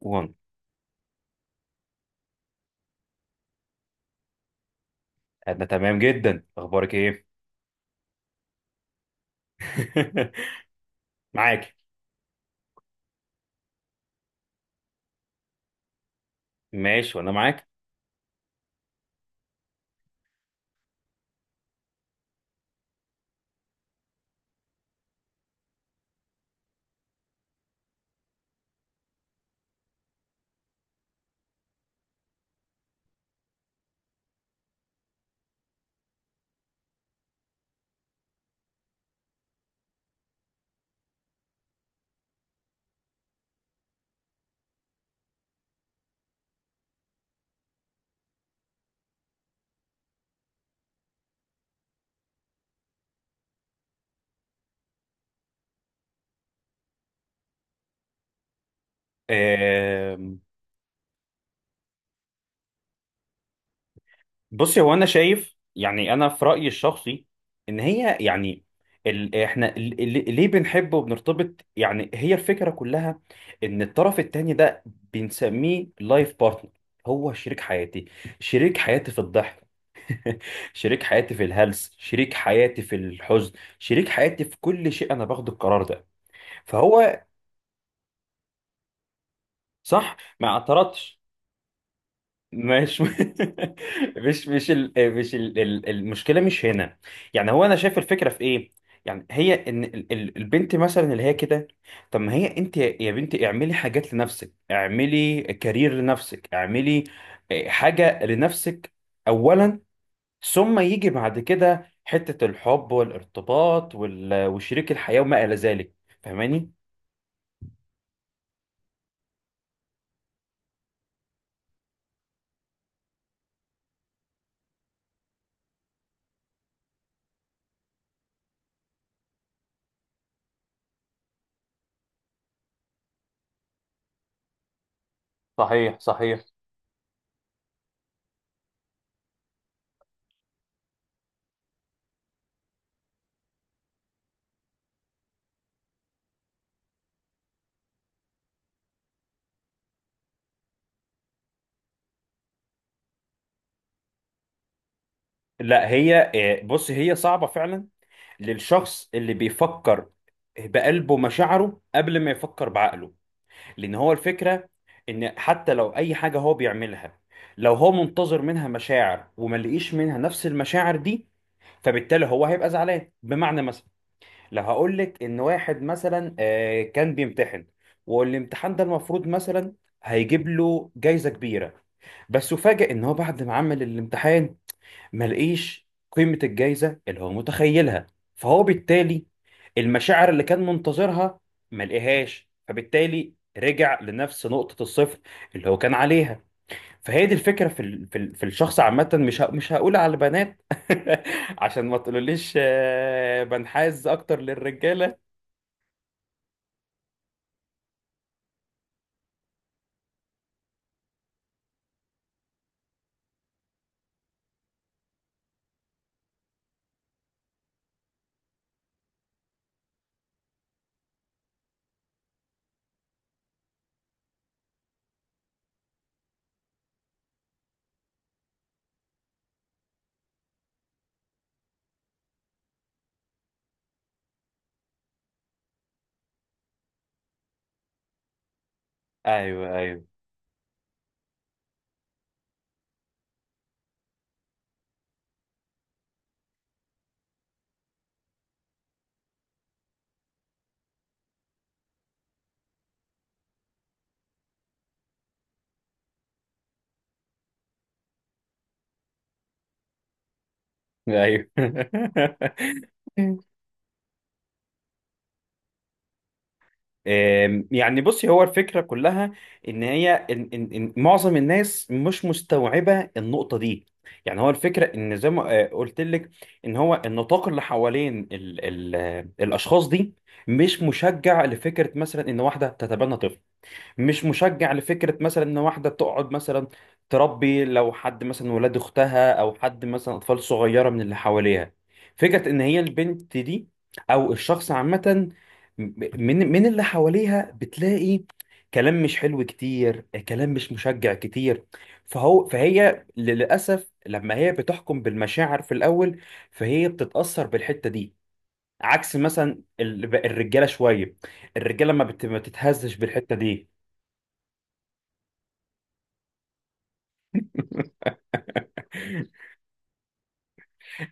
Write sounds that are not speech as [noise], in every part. وان. انا تمام جدا، اخبارك ايه؟ [laughs] معاك. ماشي وانا معاك. آم، بصي، هو انا شايف، يعني انا في رايي الشخصي، ان هي يعني ال... احنا ال... ال- ليه بنحب وبنرتبط؟ يعني هي الفكره كلها ان الطرف التاني ده بنسميه لايف بارتنر. هو شريك حياتي، شريك حياتي في الضحك، [laughs] شريك حياتي في الهلس، شريك حياتي في الحزن، شريك حياتي في كل شيء. انا باخد القرار ده، فهو صح، ما اعترضتش. مش [laughs] مش مش المشكله مش هنا. يعني هو انا شايف الفكره في ايه، يعني هي ان البنت مثلا اللي هي كده، طب ما هي انت يا بنتي، اعملي حاجات لنفسك، اعملي كارير لنفسك، اعملي حاجه لنفسك اولا، ثم يجي بعد كده حته الحب والارتباط وال... وشريك الحياه وما الى ذلك. فاهماني؟ صحيح صحيح. لا هي بص، هي صعبة فعلا للشخص اللي بيفكر بقلبه مشاعره قبل ما يفكر بعقله، لأن هو الفكرة إن حتى لو أي حاجة هو بيعملها، لو هو منتظر منها مشاعر وما لقيش منها نفس المشاعر دي، فبالتالي هو هيبقى زعلان. بمعنى، مثلا لو هقول لك ان واحد مثلا كان بيمتحن، والامتحان ده المفروض مثلا هيجيب له جايزة كبيرة، بس فاجئ ان هو بعد ما عمل الامتحان ما لقيش قيمة الجايزة اللي هو متخيلها، فهو بالتالي المشاعر اللي كان منتظرها ما لقيهاش، فبالتالي رجع لنفس نقطة الصفر اللي هو كان عليها. فهي دي الفكرة في الشخص عامة. مش هقول على البنات [laughs] عشان ما تقولوليش بنحاز أكتر للرجالة. أيوه أيوه أيوه. [laughs] يعني بصي، هو الفكرة كلها إن هي إن معظم الناس مش مستوعبة النقطة دي. يعني هو الفكرة إن زي ما قلت لك، إن هو النطاق اللي حوالين ال الأشخاص دي مش مشجع لفكرة مثلا إن واحدة تتبنى طفل، مش مشجع لفكرة مثلا ان واحدة تقعد مثلا تربي، لو حد مثلا ولاد اختها او حد مثلا اطفال صغيرة من اللي حواليها. فكرة ان هي البنت دي او الشخص عامة من اللي حواليها بتلاقي كلام مش حلو كتير، كلام مش مشجع كتير. فهو فهي للأسف لما هي بتحكم بالمشاعر في الأول، فهي بتتأثر بالحتة دي عكس مثلا الرجالة شوية. الرجالة ما بتتهزش بالحتة دي. [laughs] [laughs]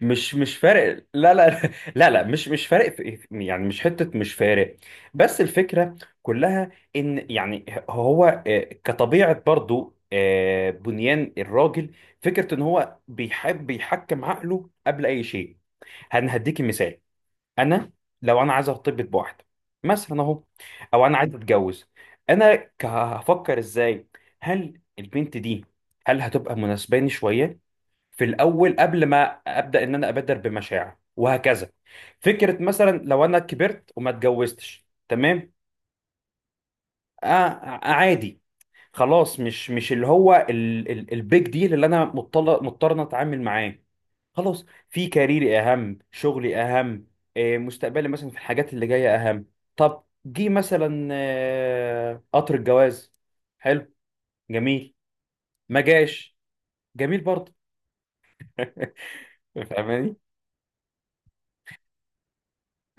مش فارق، لا لا. لا لا، مش فارق في، يعني مش حتة، مش فارق. بس الفكرة كلها ان يعني هو كطبيعة برضو، بنيان الراجل، فكرة ان هو بيحب يحكم عقله قبل اي شيء. هديكي مثال، انا لو انا عايز ارتبط بواحدة مثلا اهو، او انا عايز اتجوز، انا هفكر ازاي؟ هل البنت دي، هل هتبقى مناسباني شوية في الاول، قبل ما ابدا ان انا ابادر بمشاعر وهكذا؟ فكره مثلا لو انا كبرت وما اتجوزتش، تمام، عادي، خلاص. مش اللي هو البيج ديل اللي انا مضطر، إن أنا اتعامل معاه. خلاص، في كاريري اهم، شغلي اهم، مستقبلي مثلا في الحاجات اللي جايه اهم. طب جه مثلا قطر الجواز، حلو، جميل. ما جاش، جميل برضه. [laughs] فاهماني؟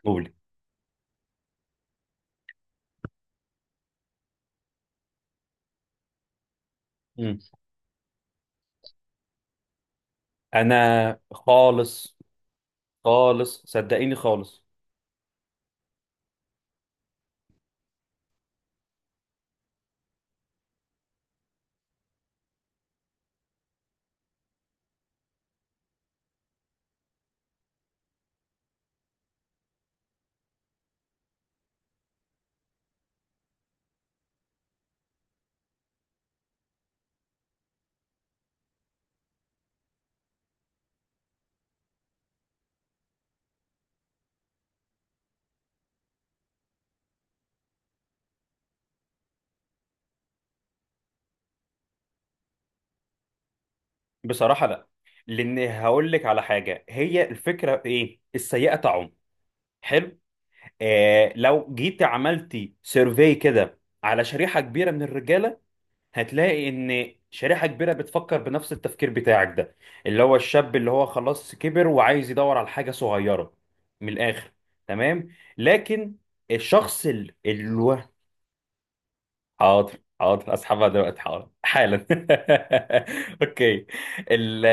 قولي. انا خالص، خالص صدقيني، خالص. بصراحه لا. لان هقول لك على حاجه، هي الفكره في ايه، السيئه طعم، حلو. آه، لو جيت عملتي سيرفي كده على شريحه كبيره من الرجاله، هتلاقي ان شريحه كبيره بتفكر بنفس التفكير بتاعك ده، اللي هو الشاب اللي هو خلاص كبر وعايز يدور على حاجه صغيره. من الاخر، تمام، لكن الشخص اللي، حاضر. حاضر، اسحبها دلوقتي، حاضر حالا. [laughs] اوكي. ال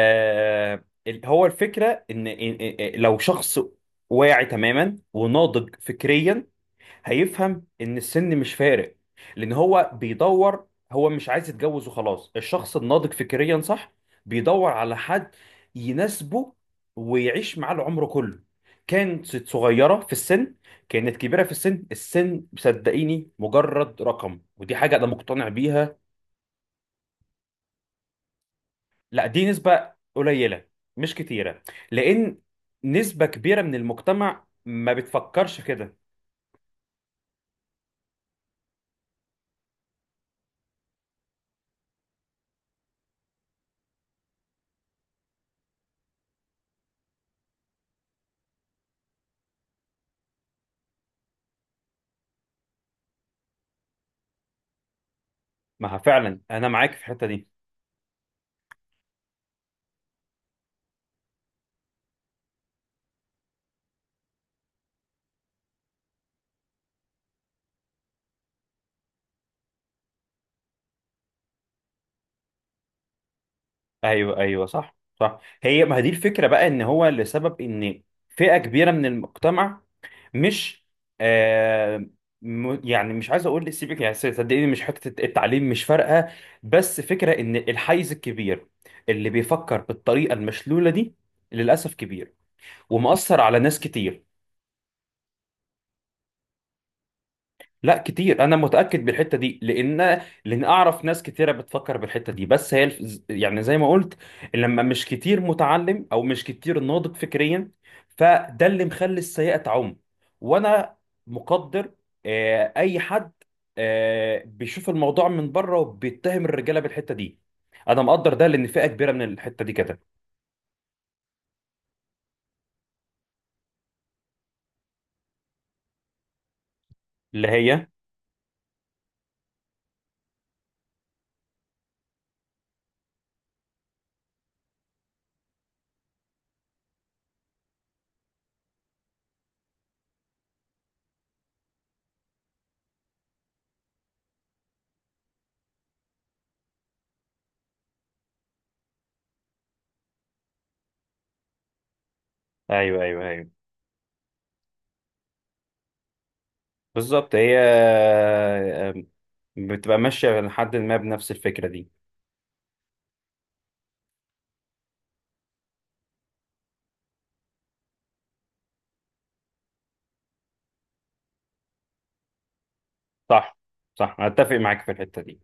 هو الفكره ان لو شخص واعي تماما وناضج فكريا، هيفهم ان السن مش فارق. لان هو بيدور، هو مش عايز يتجوز وخلاص، الشخص الناضج فكريا صح بيدور على حد يناسبه ويعيش معاه العمر كله. كانت صغيرة في السن، كانت كبيرة في السن، السن صدقيني مجرد رقم، ودي حاجة أنا مقتنع بيها. لا، دي نسبة قليلة، مش كتيرة، لأن نسبة كبيرة من المجتمع ما بتفكرش كده. ما فعلا أنا معاك في الحتة دي. ايوه ايوه صح صح. هي ما هي دي الفكره بقى، ان هو لسبب ان فئه كبيره من المجتمع مش، آه، يعني مش عايز اقول سيبك، يعني صدقيني مش حته التعليم مش فارقه، بس فكره ان الحيز الكبير اللي بيفكر بالطريقه المشلوله دي للاسف كبير ومؤثر على ناس كتير. لا كتير، انا متاكد بالحته دي، لان اعرف ناس كتيره بتفكر بالحته دي. بس هي يعني زي ما قلت، لما مش كتير متعلم او مش كتير ناضج فكريا، فده اللي مخلي السيئه تعم. وانا مقدر اي حد بيشوف الموضوع من بره وبيتهم الرجاله بالحته دي، انا مقدر ده لان فئه كبيره من الحته دي كده. اللي هي ايوه ايوه ايوه، بالظبط. هي بتبقى ماشيه لحد ما بنفس الفكره دي. صح صح، أنا أتفق معاك في الحتة دي.